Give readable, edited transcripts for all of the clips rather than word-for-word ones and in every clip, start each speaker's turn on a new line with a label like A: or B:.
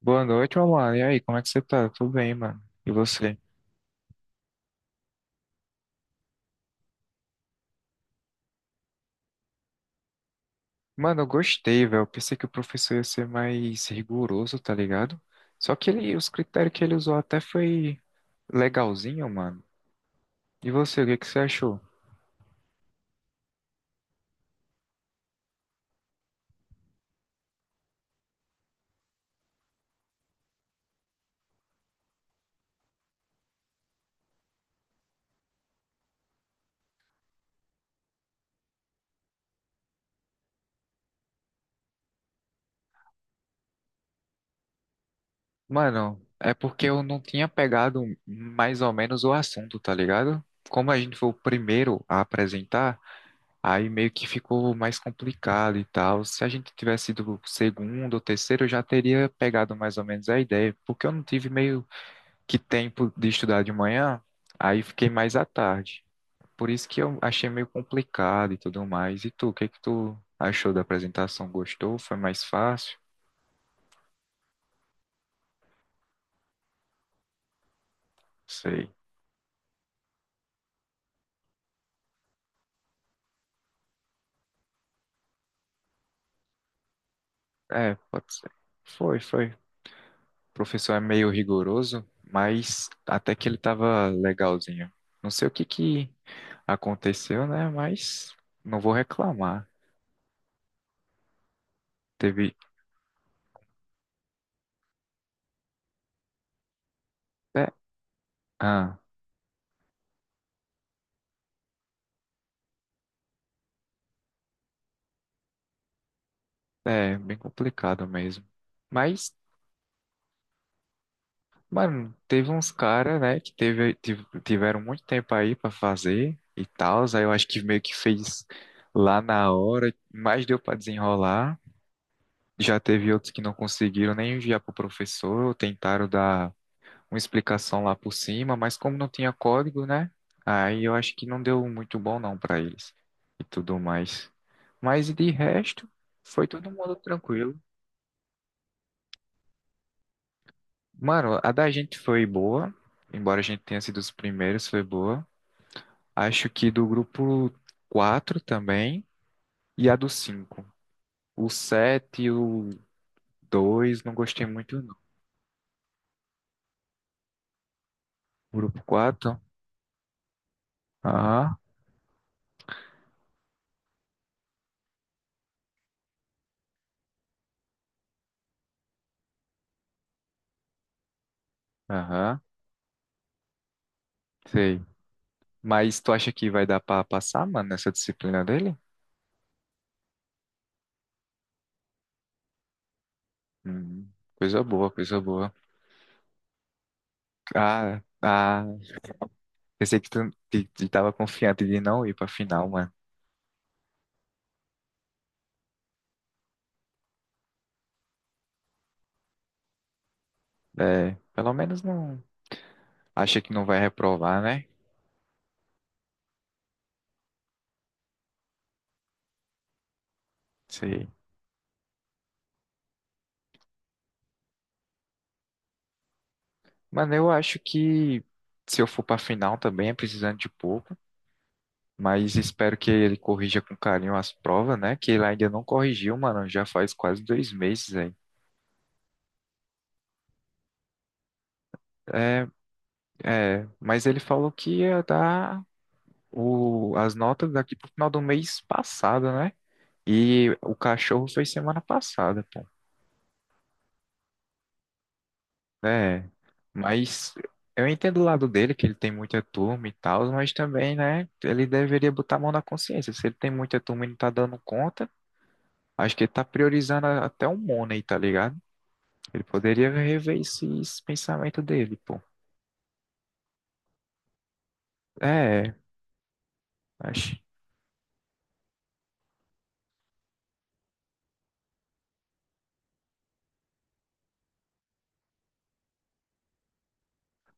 A: Boa noite, meu mano. E aí, como é que você tá? Tudo bem, mano? E você? Mano, eu gostei, velho. Eu pensei que o professor ia ser mais rigoroso, tá ligado? Só que ele, os critérios que ele usou até foi legalzinho, mano. E você, o que que você achou? Mano, é porque eu não tinha pegado mais ou menos o assunto, tá ligado? Como a gente foi o primeiro a apresentar, aí meio que ficou mais complicado e tal. Se a gente tivesse sido o segundo ou terceiro, eu já teria pegado mais ou menos a ideia, porque eu não tive meio que tempo de estudar de manhã, aí fiquei mais à tarde. Por isso que eu achei meio complicado e tudo mais. E tu, o que que tu achou da apresentação? Gostou? Foi mais fácil? Sei. É, pode ser. Foi, foi. O professor é meio rigoroso, mas até que ele tava legalzinho. Não sei o que que aconteceu, né? Mas não vou reclamar. Teve. É, ah, é bem complicado mesmo. Mas mano, teve, uns caras, né, que tiveram muito tempo aí pra fazer e tal, aí eu acho que meio que fez lá na hora, mas deu pra desenrolar. Já teve outros que não conseguiram nem enviar pro professor, tentaram dar uma explicação lá por cima, mas como não tinha código, né, aí eu acho que não deu muito bom não pra eles e tudo mais. Mas de resto, foi todo mundo tranquilo. Mano, a da gente foi boa, embora a gente tenha sido os primeiros, foi boa. Acho que do grupo 4 também e a do 5, o 7 e o 2 não gostei muito, não. Grupo quatro. Aham, aham, sei. Mas tu acha que vai dar pra passar, mano, nessa disciplina dele? Hum, coisa boa, coisa boa. Ah, ah, pensei que tu que tava confiante de não ir pra final, mano. É, pelo menos não. Acha que não vai reprovar, né? Sei. Mano, eu acho que se eu for pra final também é precisando de pouco. Mas espero que ele corrija com carinho as provas, né? Que ele ainda não corrigiu, mano. Já faz quase 2 meses aí. É, é. Mas ele falou que ia dar as notas daqui pro final do mês passado, né? E o cachorro foi semana passada, pô. É. Mas eu entendo o lado dele, que ele tem muita turma e tal, mas também, né? Ele deveria botar a mão na consciência. Se ele tem muita turma e não tá dando conta, acho que ele tá priorizando até o Money, tá ligado? Ele poderia rever esse pensamento dele, pô. É, acho.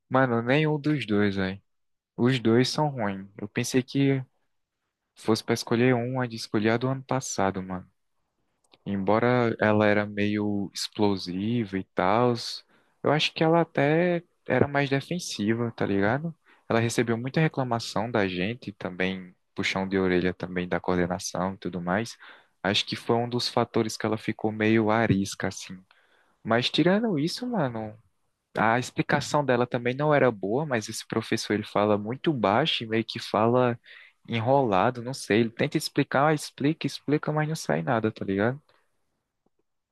A: Mano, nenhum dos dois, velho. Os dois são ruins. Eu pensei que fosse pra escolher um, a de escolher a do ano passado, mano. Embora ela era meio explosiva e tal, eu acho que ela até era mais defensiva, tá ligado? Ela recebeu muita reclamação da gente, também puxão de orelha também da coordenação e tudo mais. Acho que foi um dos fatores que ela ficou meio arisca, assim. Mas tirando isso, mano, a explicação dela também não era boa, mas esse professor ele fala muito baixo e meio que fala enrolado, não sei. Ele tenta explicar, ah, explica, explica, mas não sai nada, tá ligado?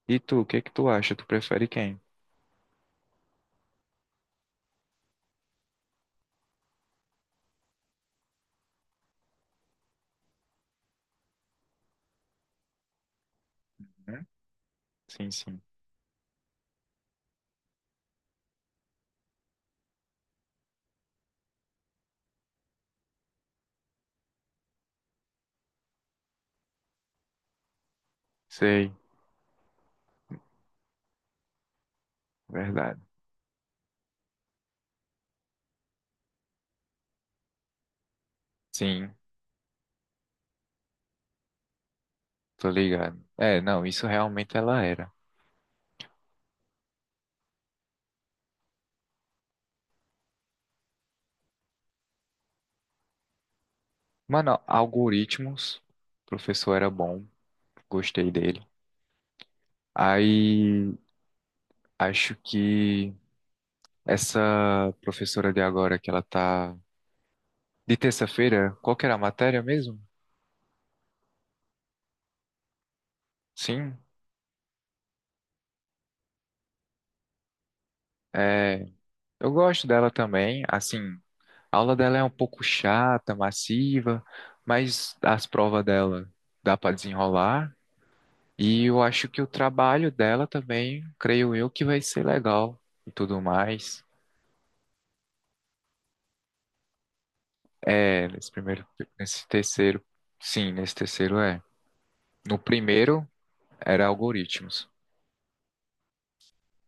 A: E tu, o que é que tu acha? Tu prefere quem? Hum? Sim, sim. Sei, verdade. Sim, tô ligado. É, não, isso realmente ela era. Mano, algoritmos, o professor era bom, gostei dele. Aí, acho que essa professora de agora que ela tá de terça-feira, qual que era a matéria mesmo? Sim, é, eu gosto dela também, assim, a aula dela é um pouco chata, massiva, mas as provas dela dá para desenrolar, e eu acho que o trabalho dela também, creio eu, que vai ser legal e tudo mais. É, nesse primeiro, nesse terceiro, sim, nesse terceiro é. No primeiro era algoritmos.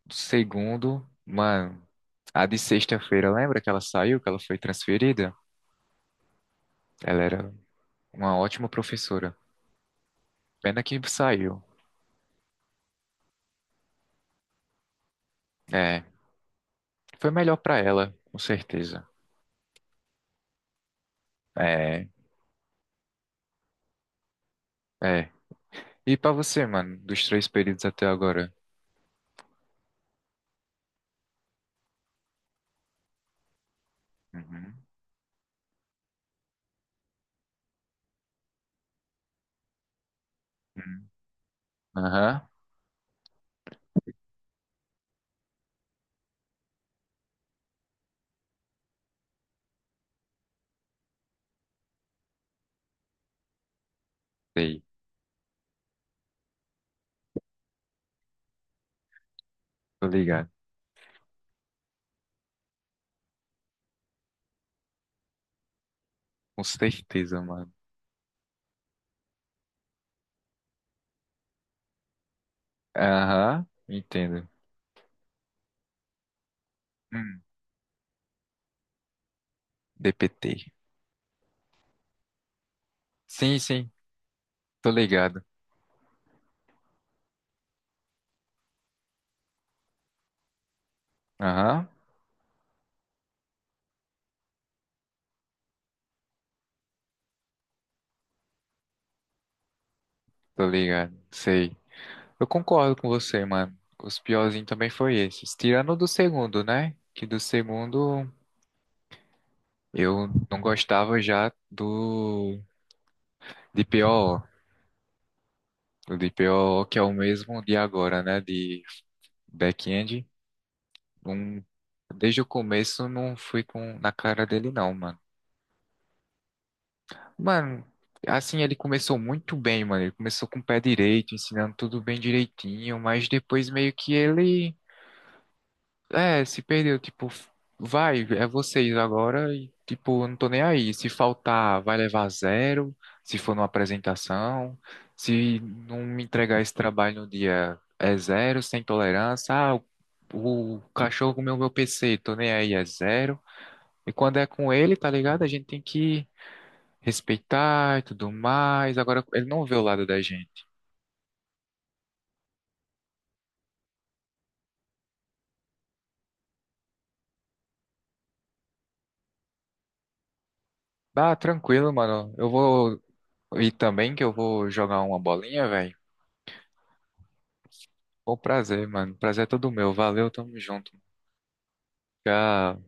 A: No segundo, mano, a de sexta-feira, lembra que ela saiu, que ela foi transferida? Ela era uma ótima professora. Pena que saiu. É, foi melhor pra ela, com certeza. É, é. E pra você, mano, dos três períodos até agora? Uhum. Uhum, aham, sei. Tô ligado. Com certeza, mano. Aham, entendo. Hum, DPT. Sim, sim, tô ligado. Aham, tô ligado. Sei. Eu concordo com você, mano. Os piorzinhos também foi esses. Tirando o do segundo, né? Que do segundo eu não gostava já do DPO, o DPO que é o mesmo de agora, né? De back-end. Um, desde o começo não fui com na cara dele não, mano. Mano, assim ele começou muito bem, mano. Ele começou com o pé direito, ensinando tudo bem direitinho, mas depois meio que ele é, se perdeu, tipo, vai, é vocês agora e, tipo, eu não tô nem aí. Se faltar, vai levar zero, se for numa apresentação, se não me entregar esse trabalho no dia, é zero, sem tolerância. Ah, o cachorro comeu meu PC, tô nem aí, é zero. E quando é com ele, tá ligado? A gente tem que respeitar e tudo mais. Agora, ele não vê o lado da gente. Ah, tranquilo, mano, eu vou ir também, que eu vou jogar uma bolinha, velho. O prazer, mano. Prazer é todo meu. Valeu, tamo junto. Já